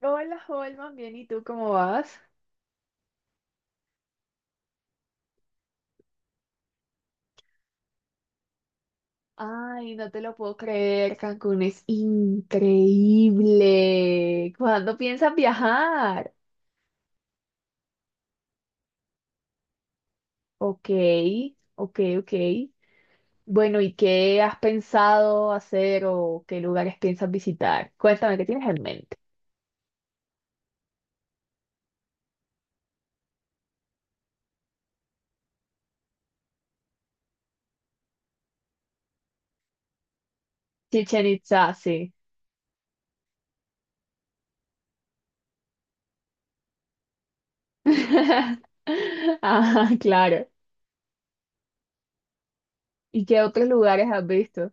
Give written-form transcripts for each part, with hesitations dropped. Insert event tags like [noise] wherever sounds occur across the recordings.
Hola, Holman, bien, ¿y tú cómo vas? Ay, no te lo puedo creer, Cancún es increíble. ¿Cuándo piensas viajar? Ok, ok, ok. Bueno, ¿y qué has pensado hacer o qué lugares piensas visitar? Cuéntame, ¿qué tienes en mente? Chichen Itza, sí. [laughs] Ah, claro. ¿Y qué otros lugares has visto?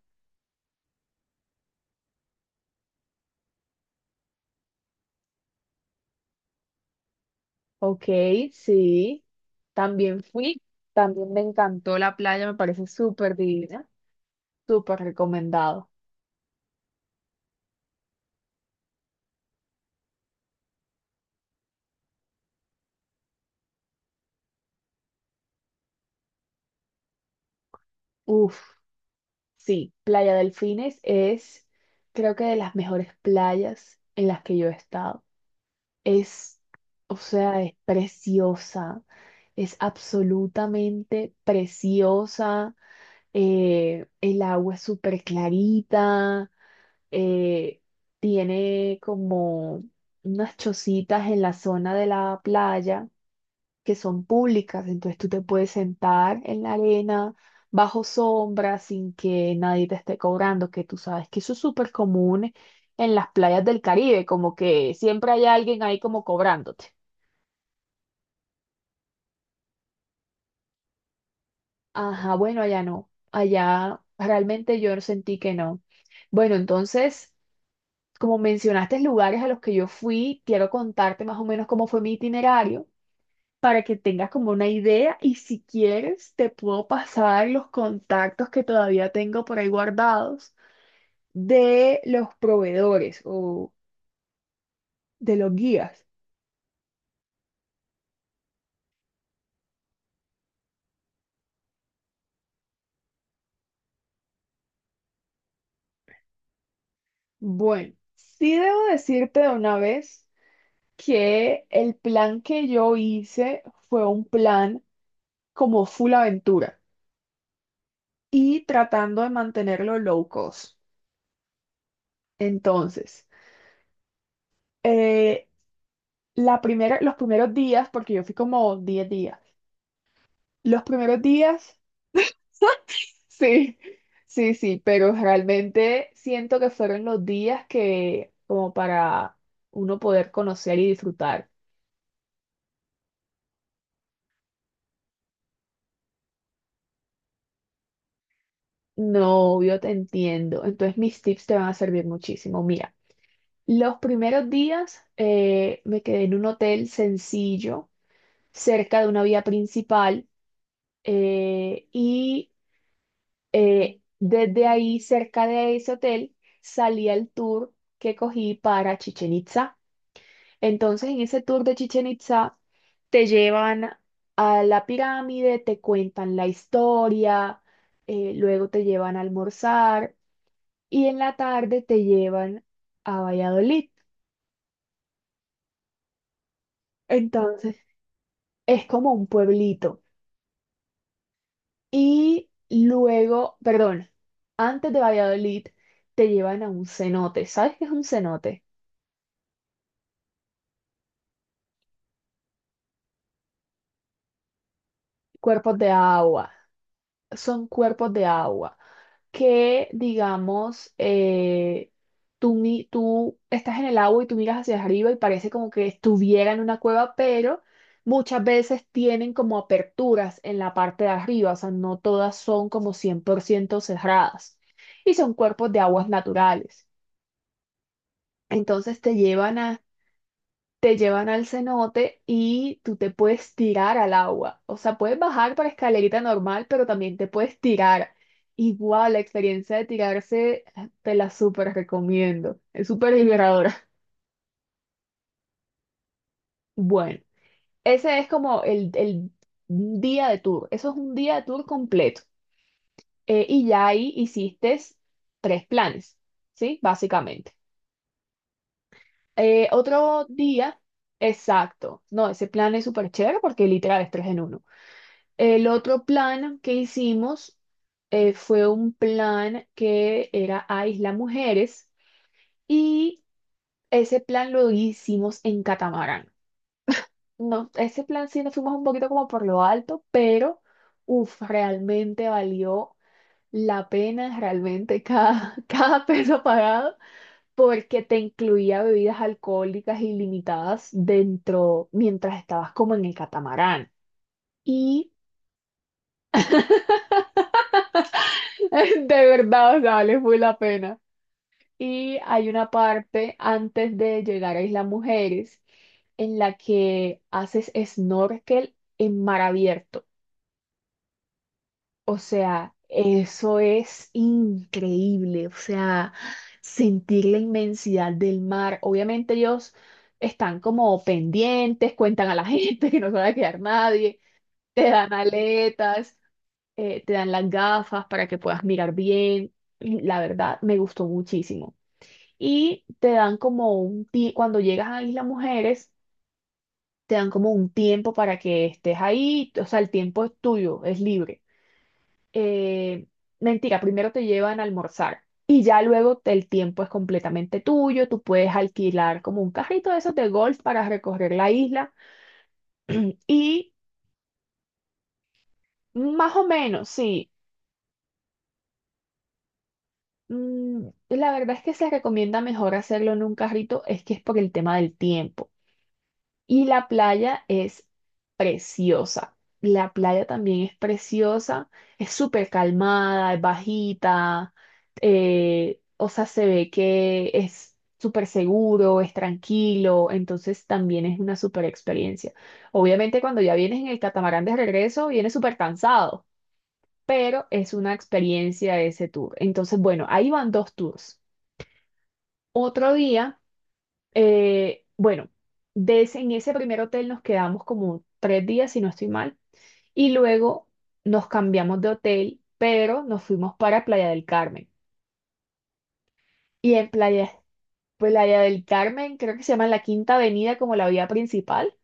Ok, sí. También fui, también me encantó la playa, me parece súper divina, súper recomendado. Uf, sí, Playa Delfines es creo que de las mejores playas en las que yo he estado. Es, o sea, es preciosa, es absolutamente preciosa, el agua es súper clarita, eh, tiene como unas chocitas en la zona de la playa que son públicas, entonces tú te puedes sentar en la arena bajo sombra sin que nadie te esté cobrando, que tú sabes que eso es súper común en las playas del Caribe, como que siempre hay alguien ahí como cobrándote. Ajá, bueno, allá no, allá realmente yo sentí que no. Bueno, entonces, como mencionaste lugares a los que yo fui, quiero contarte más o menos cómo fue mi itinerario para que tengas como una idea y si quieres te puedo pasar los contactos que todavía tengo por ahí guardados de los proveedores o de los guías. Bueno, sí debo decirte de una vez que el plan que yo hice fue un plan como full aventura y tratando de mantenerlo low cost. Entonces, eh, la primera, los primeros días, porque yo fui como 10 días, los primeros días, [laughs] sí, sí, pero realmente siento que fueron los días que como para uno poder conocer y disfrutar. No, yo te entiendo. Entonces mis tips te van a servir muchísimo. Mira. Los primeros días me quedé en un hotel sencillo, cerca de una vía principal, eh, y desde ahí, cerca de ese hotel, salí al tour que cogí para Chichen Itza. Entonces, en ese tour de Chichen Itza, te llevan a la pirámide, te cuentan la historia, luego te llevan a almorzar y en la tarde te llevan a Valladolid. Entonces, es como un pueblito. Y luego, perdón, antes de Valladolid te llevan a un cenote. ¿Sabes qué es un cenote? Cuerpos de agua. Son cuerpos de agua que, digamos, tú estás en el agua y tú miras hacia arriba y parece como que estuviera en una cueva, pero muchas veces tienen como aperturas en la parte de arriba, o sea, no todas son como 100% cerradas. Y son cuerpos de aguas naturales. Entonces te llevan a Te llevan al cenote y tú te puedes tirar al agua. O sea, puedes bajar para escalerita normal, pero también te puedes tirar. Igual, la experiencia de tirarse te la súper recomiendo. Es súper liberadora. [laughs] Bueno, ese es como el día de tour. Eso es un día de tour completo. Y ya ahí hiciste tres planes, ¿sí? Básicamente. Otro día, exacto. No, ese plan es súper chévere porque literal es tres en uno. El otro plan que hicimos fue un plan que era a Isla Mujeres y ese plan lo hicimos en catamarán. No, ese plan sí nos fuimos un poquito como por lo alto, pero uf, realmente valió la pena, realmente cada, [laughs] cada peso pagado, porque te incluía bebidas alcohólicas ilimitadas dentro mientras estabas como en el catamarán. Y [laughs] de verdad, o sea, vale, fue la pena. Y hay una parte antes de llegar a Isla Mujeres en la que haces snorkel en mar abierto. O sea, eso es increíble. O sea, sentir la inmensidad del mar. Obviamente ellos están como pendientes, cuentan a la gente [laughs] que no se va a quedar nadie, te dan aletas, te dan las gafas para que puedas mirar bien. Y la verdad, me gustó muchísimo y te dan como un tiempo, cuando llegas a Isla Mujeres, te dan como un tiempo para que estés ahí, o sea, el tiempo es tuyo, es libre. Eh, mentira, primero te llevan a almorzar y ya luego el tiempo es completamente tuyo, tú puedes alquilar como un carrito de esos de golf para recorrer la isla [clears throat] y más o menos, sí. La verdad es que se recomienda mejor hacerlo en un carrito, es que es por el tema del tiempo. Y la playa es preciosa. La playa también es preciosa. Es súper calmada, es bajita. O sea, se ve que es súper seguro, es tranquilo. Entonces también es una súper experiencia. Obviamente cuando ya vienes en el catamarán de regreso, vienes súper cansado. Pero es una experiencia ese tour. Entonces, bueno, ahí van dos tours. Otro día. Eh, bueno, en ese primer hotel nos quedamos como 3 días, si no estoy mal, y luego nos cambiamos de hotel, pero nos fuimos para Playa del Carmen. Y en Playa, Playa del Carmen, creo que se llama la Quinta Avenida como la vía principal,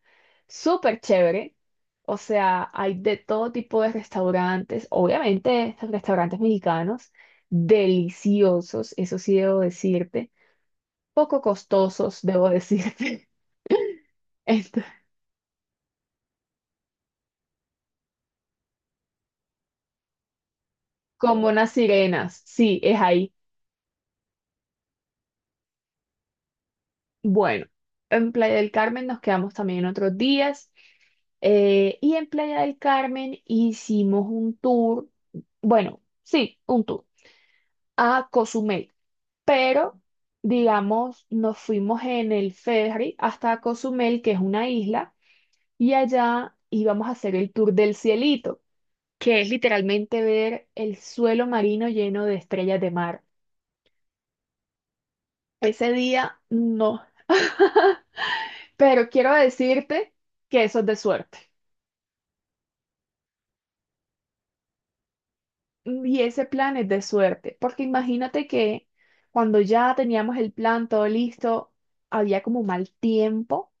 súper chévere. O sea, hay de todo tipo de restaurantes, obviamente restaurantes mexicanos, deliciosos, eso sí debo decirte, poco costosos, debo decirte. [laughs] Como unas sirenas, sí, es ahí. Bueno, en Playa del Carmen nos quedamos también otros días. Y en Playa del Carmen hicimos un tour, bueno, sí, un tour a Cozumel. Pero, digamos, nos fuimos en el ferry hasta Cozumel, que es una isla, y allá íbamos a hacer el tour del cielito, que es literalmente ver el suelo marino lleno de estrellas de mar. Ese día no. [laughs] Pero quiero decirte que eso es de suerte. Y ese plan es de suerte, porque imagínate que cuando ya teníamos el plan todo listo, había como mal tiempo,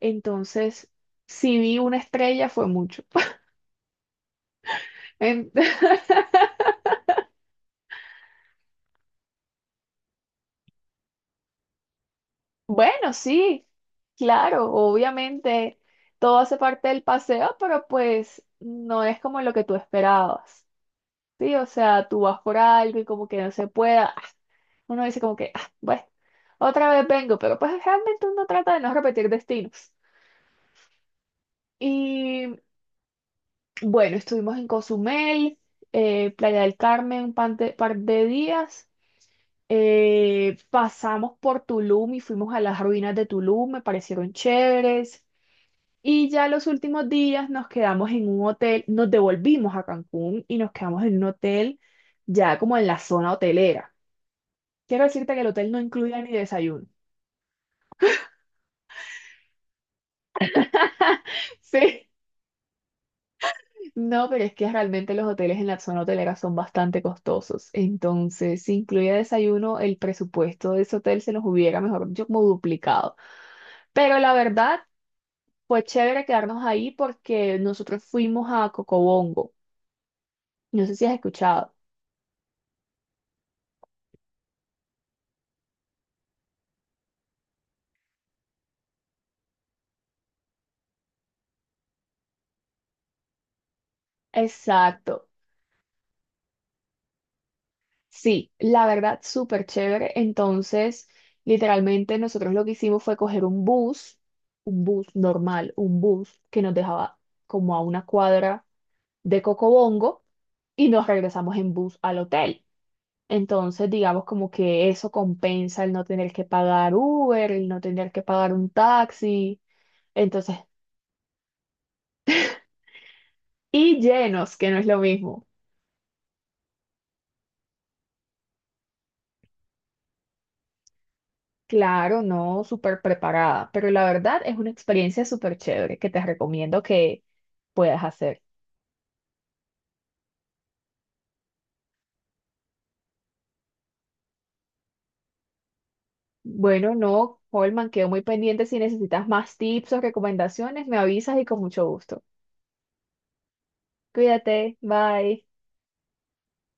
entonces si vi una estrella fue mucho. [laughs] En- [laughs] Bueno, sí, claro, obviamente todo hace parte del paseo, pero pues no es como lo que tú esperabas. Sí, o sea, tú vas por algo y como que no se pueda. Uno dice como que, ah, bueno, otra vez vengo, pero pues realmente uno trata de no repetir destinos. Y bueno, estuvimos en Cozumel, Playa del Carmen par de, días. Pasamos por Tulum y fuimos a las ruinas de Tulum, me parecieron chéveres. Y ya los últimos días nos quedamos en un hotel, nos devolvimos a Cancún y nos quedamos en un hotel ya como en la zona hotelera. Quiero decirte que el hotel no incluía ni desayuno. [laughs] Sí. No, pero es que realmente los hoteles en la zona hotelera son bastante costosos. Entonces, si incluía desayuno, el presupuesto de ese hotel se nos hubiera, mejor dicho, como duplicado. Pero la verdad, fue chévere quedarnos ahí porque nosotros fuimos a Cocobongo. No sé si has escuchado. Exacto. Sí, la verdad, súper chévere. Entonces, literalmente nosotros lo que hicimos fue coger un bus normal, un bus que nos dejaba como a una cuadra de Cocobongo y nos regresamos en bus al hotel. Entonces, digamos como que eso compensa el no tener que pagar Uber, el no tener que pagar un taxi. Entonces, y llenos, que no es lo mismo. Claro, no súper preparada, pero la verdad es una experiencia súper chévere que te recomiendo que puedas hacer. Bueno, no, Holman, quedo muy pendiente. Si necesitas más tips o recomendaciones, me avisas y con mucho gusto. Cuídate, bye.